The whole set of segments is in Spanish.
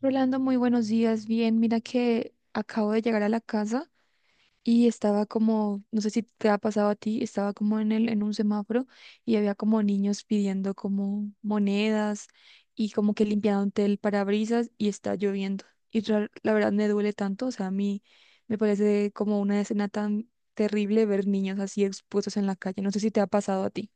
Rolando, muy buenos días. Bien, mira que acabo de llegar a la casa y estaba como, no sé si te ha pasado a ti, estaba como en un semáforo y había como niños pidiendo como monedas y como que limpiaban el parabrisas y está lloviendo. Y la verdad me duele tanto, o sea, a mí me parece como una escena tan terrible ver niños así expuestos en la calle. No sé si te ha pasado a ti.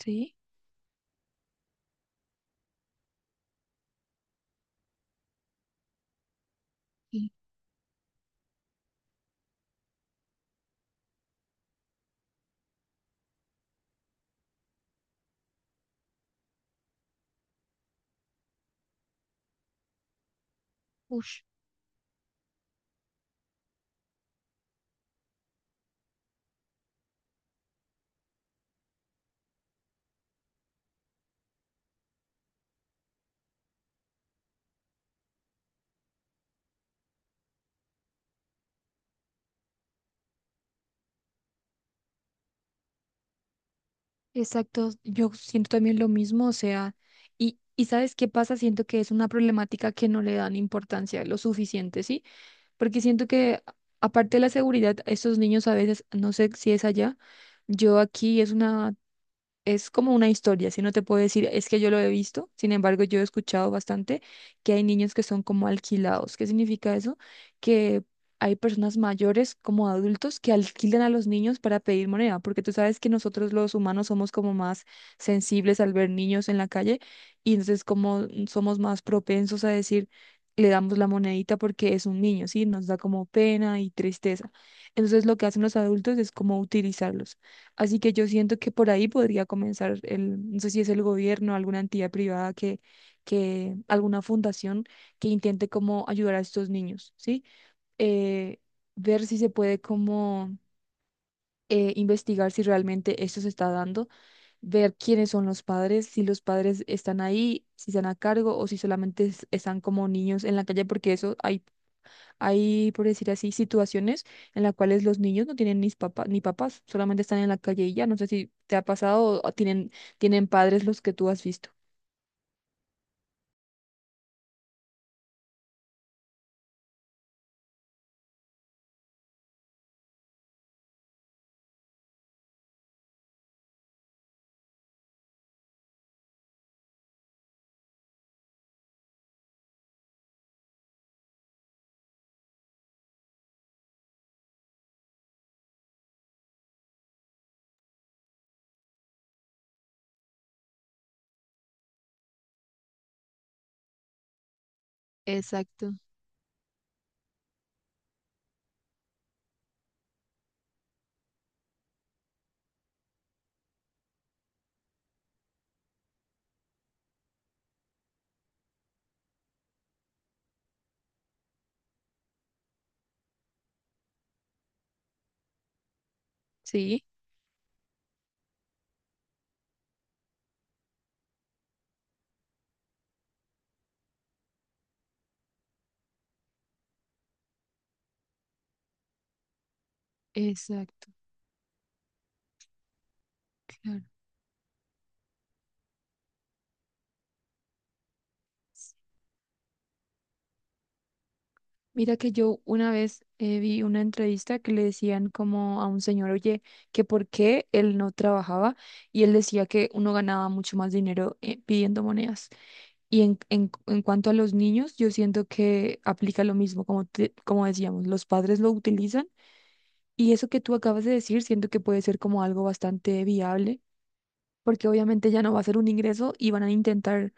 Sí. Sí. Ush. Exacto, yo siento también lo mismo, o sea, y ¿sabes qué pasa? Siento que es una problemática que no le dan importancia lo suficiente, ¿sí? Porque siento que aparte de la seguridad, estos niños a veces, no sé si es allá, yo aquí es una es como una historia, si no te puedo decir, es que yo lo he visto, sin embargo, yo he escuchado bastante que hay niños que son como alquilados. ¿Qué significa eso? Que hay personas mayores como adultos que alquilan a los niños para pedir moneda, porque tú sabes que nosotros los humanos somos como más sensibles al ver niños en la calle y entonces como somos más propensos a decir, le damos la monedita porque es un niño, ¿sí? Nos da como pena y tristeza. Entonces lo que hacen los adultos es como utilizarlos. Así que yo siento que por ahí podría comenzar el, no sé si es el gobierno, alguna entidad privada que, alguna fundación que intente como ayudar a estos niños, ¿sí? Eh, ver si se puede como investigar si realmente esto se está dando, ver quiénes son los padres, si los padres están ahí, si están a cargo o si solamente están como niños en la calle, porque eso hay, por decir así, situaciones en las cuales los niños no tienen ni papás, ni papás, solamente están en la calle y ya. No sé si te ha pasado o tienen padres los que tú has visto. Exacto, sí. Exacto, claro. Mira que yo una vez vi una entrevista que le decían como a un señor, oye, que por qué él no trabajaba y él decía que uno ganaba mucho más dinero pidiendo monedas. Y en cuanto a los niños, yo siento que aplica lo mismo, como, como decíamos, los padres lo utilizan y eso que tú acabas de decir, siento que puede ser como algo bastante viable, porque obviamente ya no va a ser un ingreso y van a intentar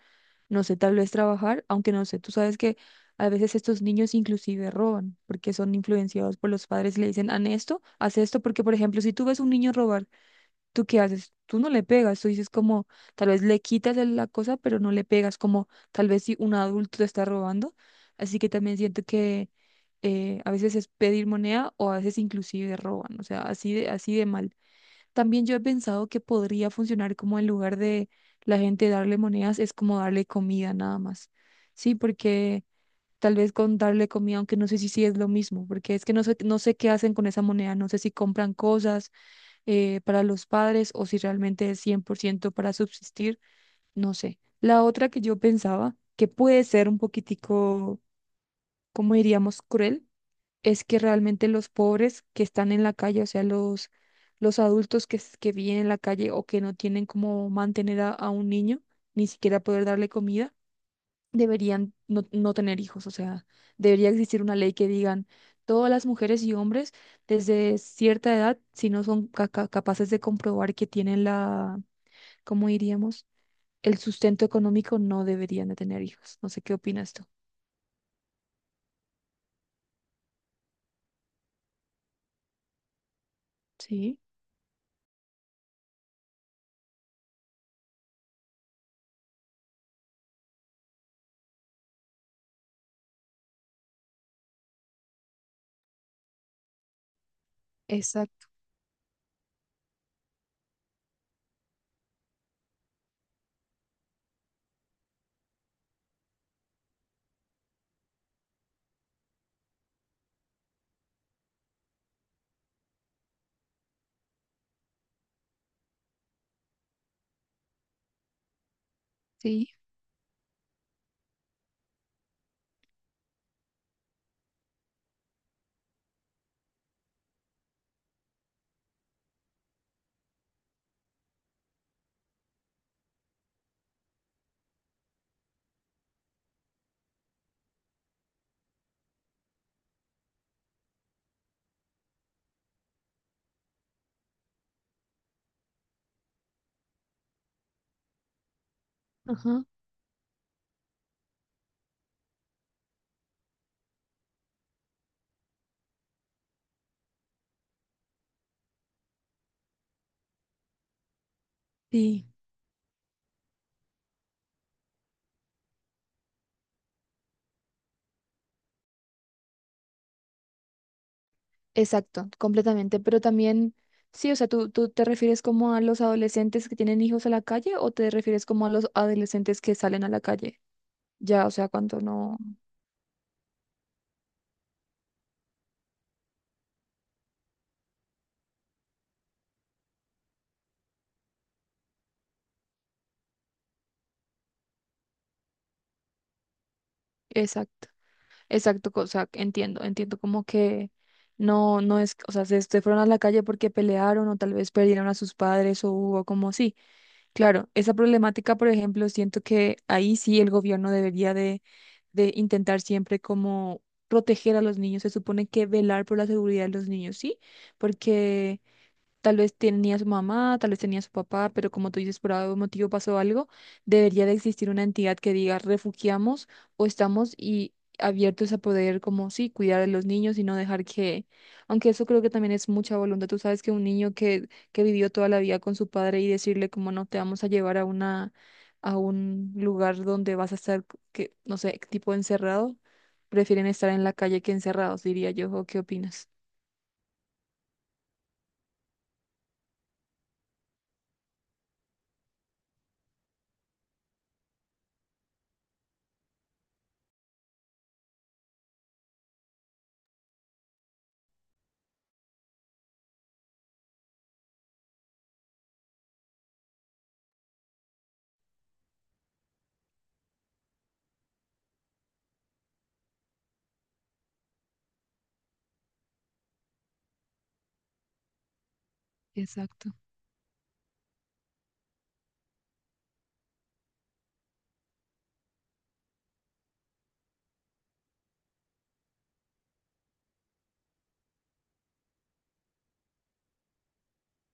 no sé, tal vez trabajar, aunque no sé, tú sabes que a veces estos niños inclusive roban porque son influenciados por los padres, le dicen, haz esto, porque por ejemplo, si tú ves a un niño robar, ¿tú qué haces? Tú no le pegas, tú dices como, tal vez le quitas la cosa, pero no le pegas, como tal vez si un adulto te está robando, así que también siento que... a veces es pedir moneda o a veces inclusive roban, o sea, así de mal. También yo he pensado que podría funcionar como en lugar de la gente darle monedas, es como darle comida nada más. Sí, porque tal vez con darle comida, aunque no sé si sí es lo mismo, porque es que no sé, no sé qué hacen con esa moneda, no sé si compran cosas para los padres o si realmente es 100% para subsistir, no sé. La otra que yo pensaba, que puede ser un poquitico, ¿cómo diríamos?, cruel es que realmente los pobres que están en la calle, o sea, los adultos que viven en la calle o que no tienen cómo mantener a un niño, ni siquiera poder darle comida, deberían no, no tener hijos. O sea, debería existir una ley que digan todas las mujeres y hombres desde cierta edad, si no son capaces de comprobar que tienen la, ¿cómo diríamos? El sustento económico, no deberían de tener hijos. No sé qué opinas tú. Sí. Exacto, sí. Ajá. Sí. Exacto, completamente. Pero también, sí, o sea, tú te refieres como a los adolescentes que tienen hijos a la calle o te refieres como a los adolescentes que salen a la calle? Ya, o sea, cuando no. Exacto, exacto, o sea, entiendo, entiendo como que no, no es, o sea, se fueron a la calle porque pelearon o tal vez perdieron a sus padres o hubo como, sí, claro, esa problemática, por ejemplo, siento que ahí sí el gobierno debería de intentar siempre como proteger a los niños, se supone que velar por la seguridad de los niños, ¿sí? Porque tal vez tenía su mamá, tal vez tenía su papá, pero como tú dices, por algún motivo pasó algo, debería de existir una entidad que diga refugiamos o estamos y abiertos a poder, como sí, cuidar a los niños y no dejar que, aunque eso creo que también es mucha voluntad. Tú sabes que un niño que vivió toda la vida con su padre y decirle como no te vamos a llevar a una, a un lugar donde vas a estar, que, no sé, tipo encerrado, prefieren estar en la calle que encerrados, diría yo. ¿O qué opinas? Exacto.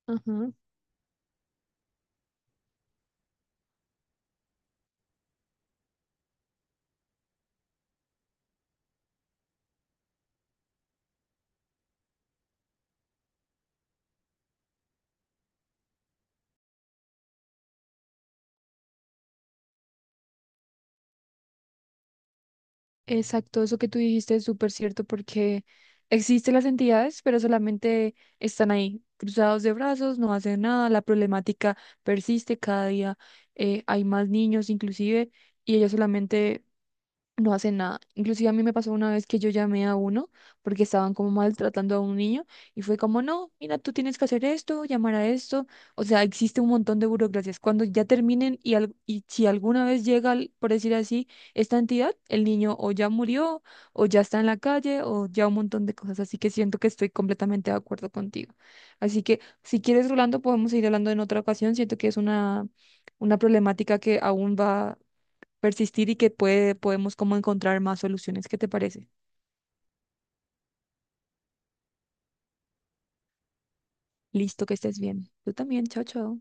Ajá. Exacto, eso que tú dijiste es súper cierto porque existen las entidades, pero solamente están ahí, cruzados de brazos, no hacen nada, la problemática persiste cada día, hay más niños inclusive, y ellos solamente no hacen nada. Inclusive a mí me pasó una vez que yo llamé a uno porque estaban como maltratando a un niño y fue como, no, mira, tú tienes que hacer esto, llamar a esto. O sea, existe un montón de burocracias. Cuando ya terminen y, y si alguna vez llega, por decir así, esta entidad, el niño o ya murió o ya está en la calle o ya un montón de cosas. Así que siento que estoy completamente de acuerdo contigo. Así que si quieres, Rolando, podemos ir hablando en otra ocasión. Siento que es una problemática que aún va persistir y que puede, podemos como encontrar más soluciones. ¿Qué te parece? Listo, que estés bien. Tú también, chao, chao.